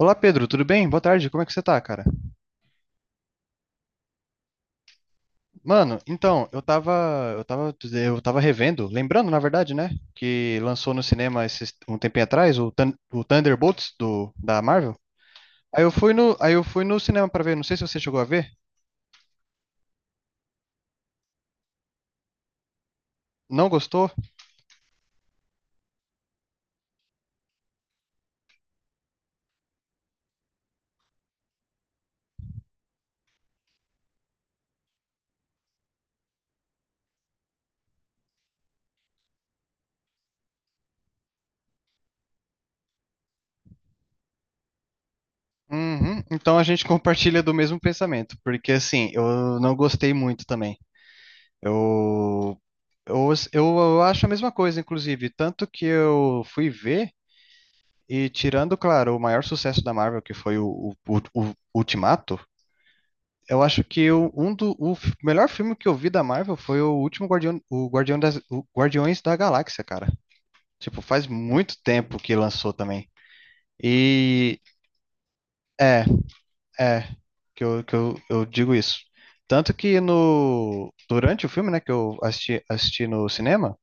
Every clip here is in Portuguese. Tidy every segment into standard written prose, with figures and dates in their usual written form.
Olá Pedro, tudo bem? Boa tarde, como é que você tá, cara? Mano, então, eu tava revendo, lembrando, na verdade, né, que lançou no cinema um tempinho atrás o Thunderbolts da Marvel. Aí eu fui no cinema pra ver, não sei se você chegou a ver, não gostou? Uhum. Então a gente compartilha do mesmo pensamento, porque assim, eu não gostei muito também. Eu, eu acho a mesma coisa, inclusive, tanto que eu fui ver. E tirando, claro, o maior sucesso da Marvel, que foi o Ultimato, eu acho que melhor filme que eu vi da Marvel foi o último Guardião, o Guardiões da Galáxia, cara. Tipo, faz muito tempo que lançou também. E é, é, eu digo isso. Tanto que no, durante o filme, né, que eu assisti, assisti no cinema,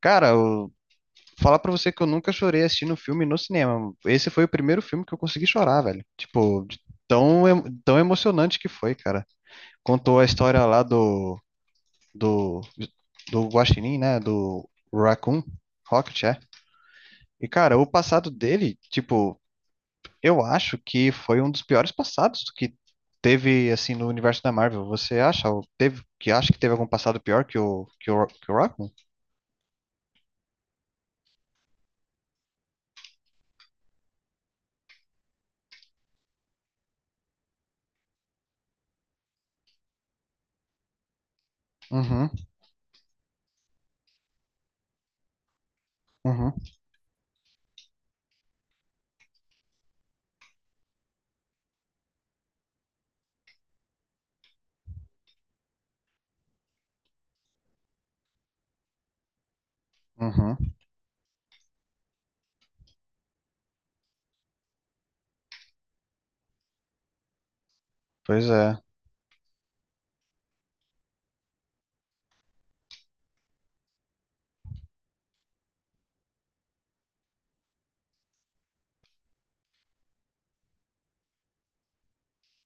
cara, o falar pra você que eu nunca chorei assistindo um filme no cinema. Esse foi o primeiro filme que eu consegui chorar, velho. Tipo, de tão, tão emocionante que foi, cara. Contou a história lá do, do Guaxinim, né? Do Raccoon Rocket, é. E, cara, o passado dele, tipo, eu acho que foi um dos piores passados que teve, assim, no universo da Marvel. Você acha? Ou teve, que acha que teve algum passado pior que que o Raccoon? Uhum, uhum, uhum. Pois é.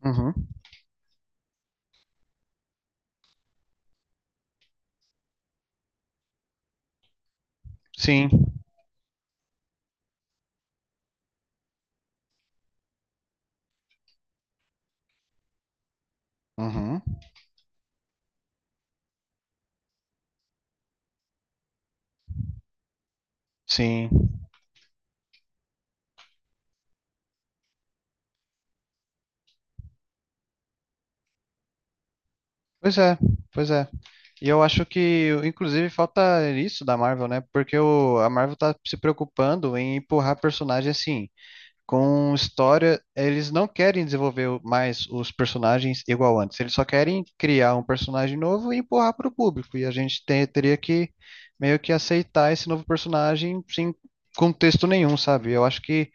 Uhum. Sim. Uhum, sim. Pois é, pois é. E eu acho que, inclusive, falta isso da Marvel, né? Porque a Marvel tá se preocupando em empurrar personagem assim, com história. Eles não querem desenvolver mais os personagens igual antes. Eles só querem criar um personagem novo e empurrar para o público. E a gente teria que meio que aceitar esse novo personagem sem contexto nenhum, sabe? Eu acho que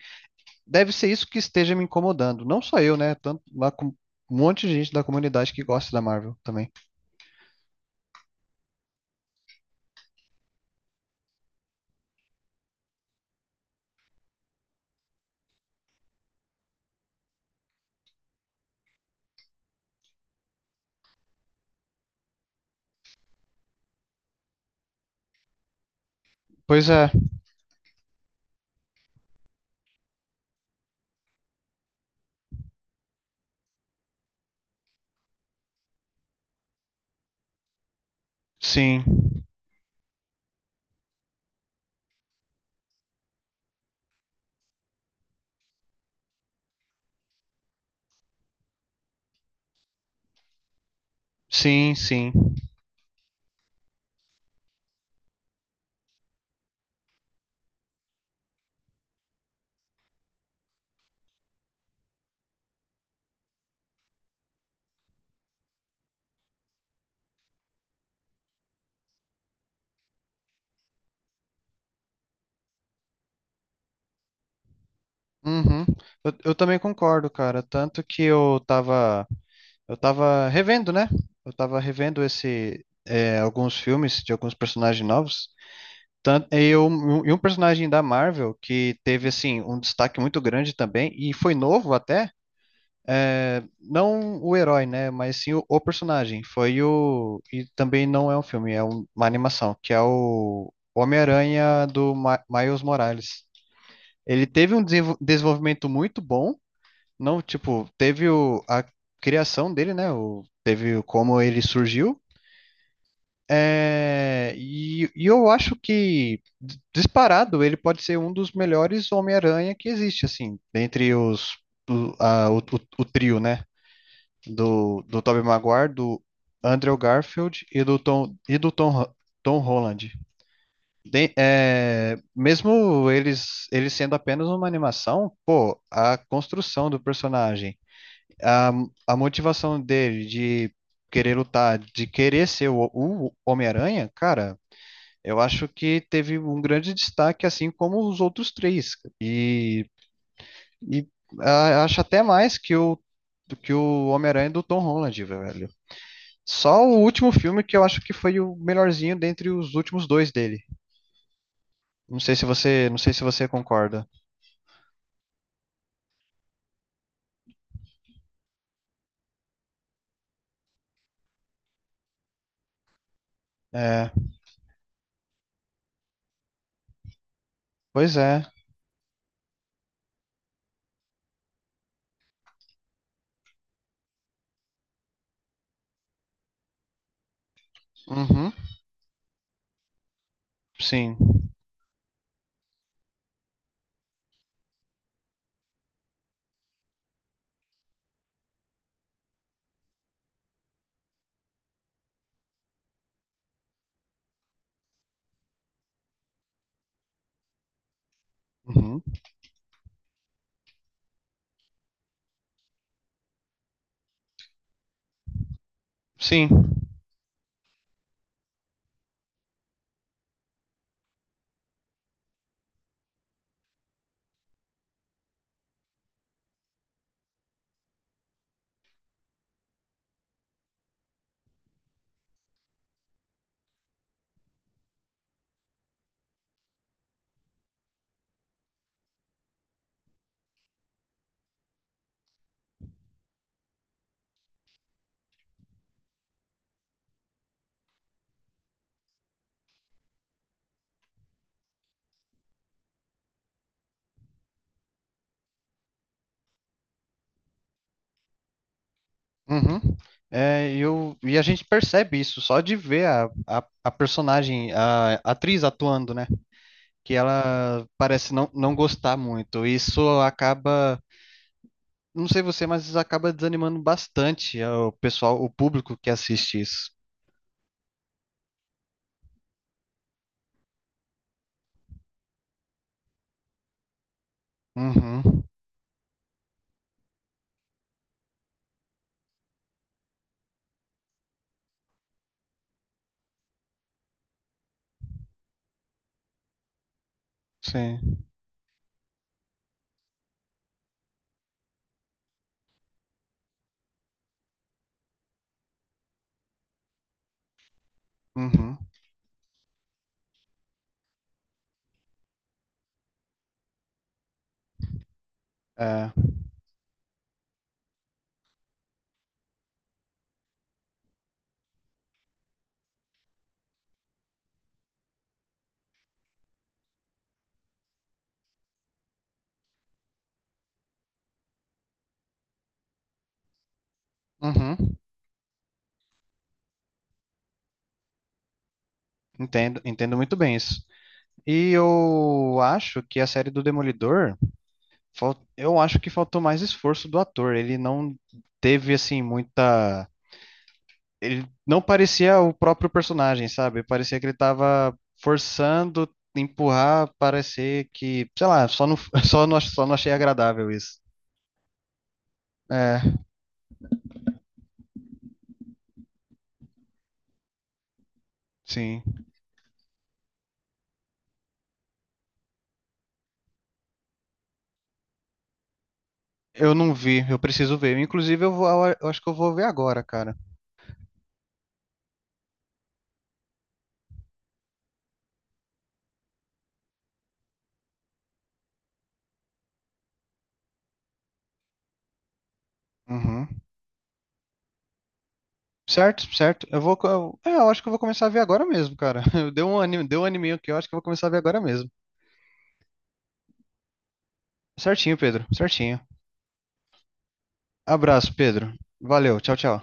deve ser isso que esteja me incomodando. Não só eu, né? Tanto lá com um monte de gente da comunidade que gosta da Marvel também. Pois é, sim, sim, sim. Uhum. Eu também concordo, cara. Tanto que eu tava revendo, né? Eu tava revendo esse, é, alguns filmes de alguns personagens novos. E um personagem da Marvel que teve assim um destaque muito grande também e foi novo até. É, não o herói, né? Mas sim o personagem. Foi o. E também não é um filme, é uma animação, que é o Homem-Aranha do Ma Miles Morales. Ele teve um desenvolvimento muito bom, não, tipo, teve a criação dele, né? O, teve como ele surgiu. É, e eu acho que, disparado, ele pode ser um dos melhores Homem-Aranha que existe, assim, entre os, o, a- o o trio, né? Do do Tobey Maguire, do Andrew Garfield e do Tom, Tom Holland. É, mesmo eles, eles sendo apenas uma animação, pô, a construção do personagem, a, a motivação dele de querer lutar, de querer ser o Homem-Aranha, cara, eu acho que teve um grande destaque, assim como os outros três. E, e ah, acho até mais que do que o Homem-Aranha do Tom Holland, velho. Só o último filme que eu acho que foi o melhorzinho dentre os últimos dois dele. Não sei se você concorda. É, pois é. Uhum, sim. Uhum, sim. Uhum. É, e a gente percebe isso só de ver a personagem, a atriz atuando, né? Que ela parece não, não gostar muito. Isso acaba, não sei você, mas isso acaba desanimando bastante o pessoal, o público que assiste isso. Uhum, sim. Uhum. É. Uhum. Entendo, entendo muito bem isso. E eu acho que a série do Demolidor, eu acho que faltou mais esforço do ator. Ele não teve assim muita, ele não parecia o próprio personagem, sabe? Parecia que ele tava forçando empurrar, parecer que, sei lá, só não, só não achei agradável isso. É, sim. Eu não vi, eu preciso ver. Inclusive, eu acho que eu vou ver agora, cara. Uhum. Certo, certo. Eu acho que eu vou começar a ver agora mesmo, cara. Deu um anime aqui, eu acho que eu vou começar a ver agora mesmo. Certinho, Pedro. Certinho. Abraço, Pedro. Valeu, tchau, tchau.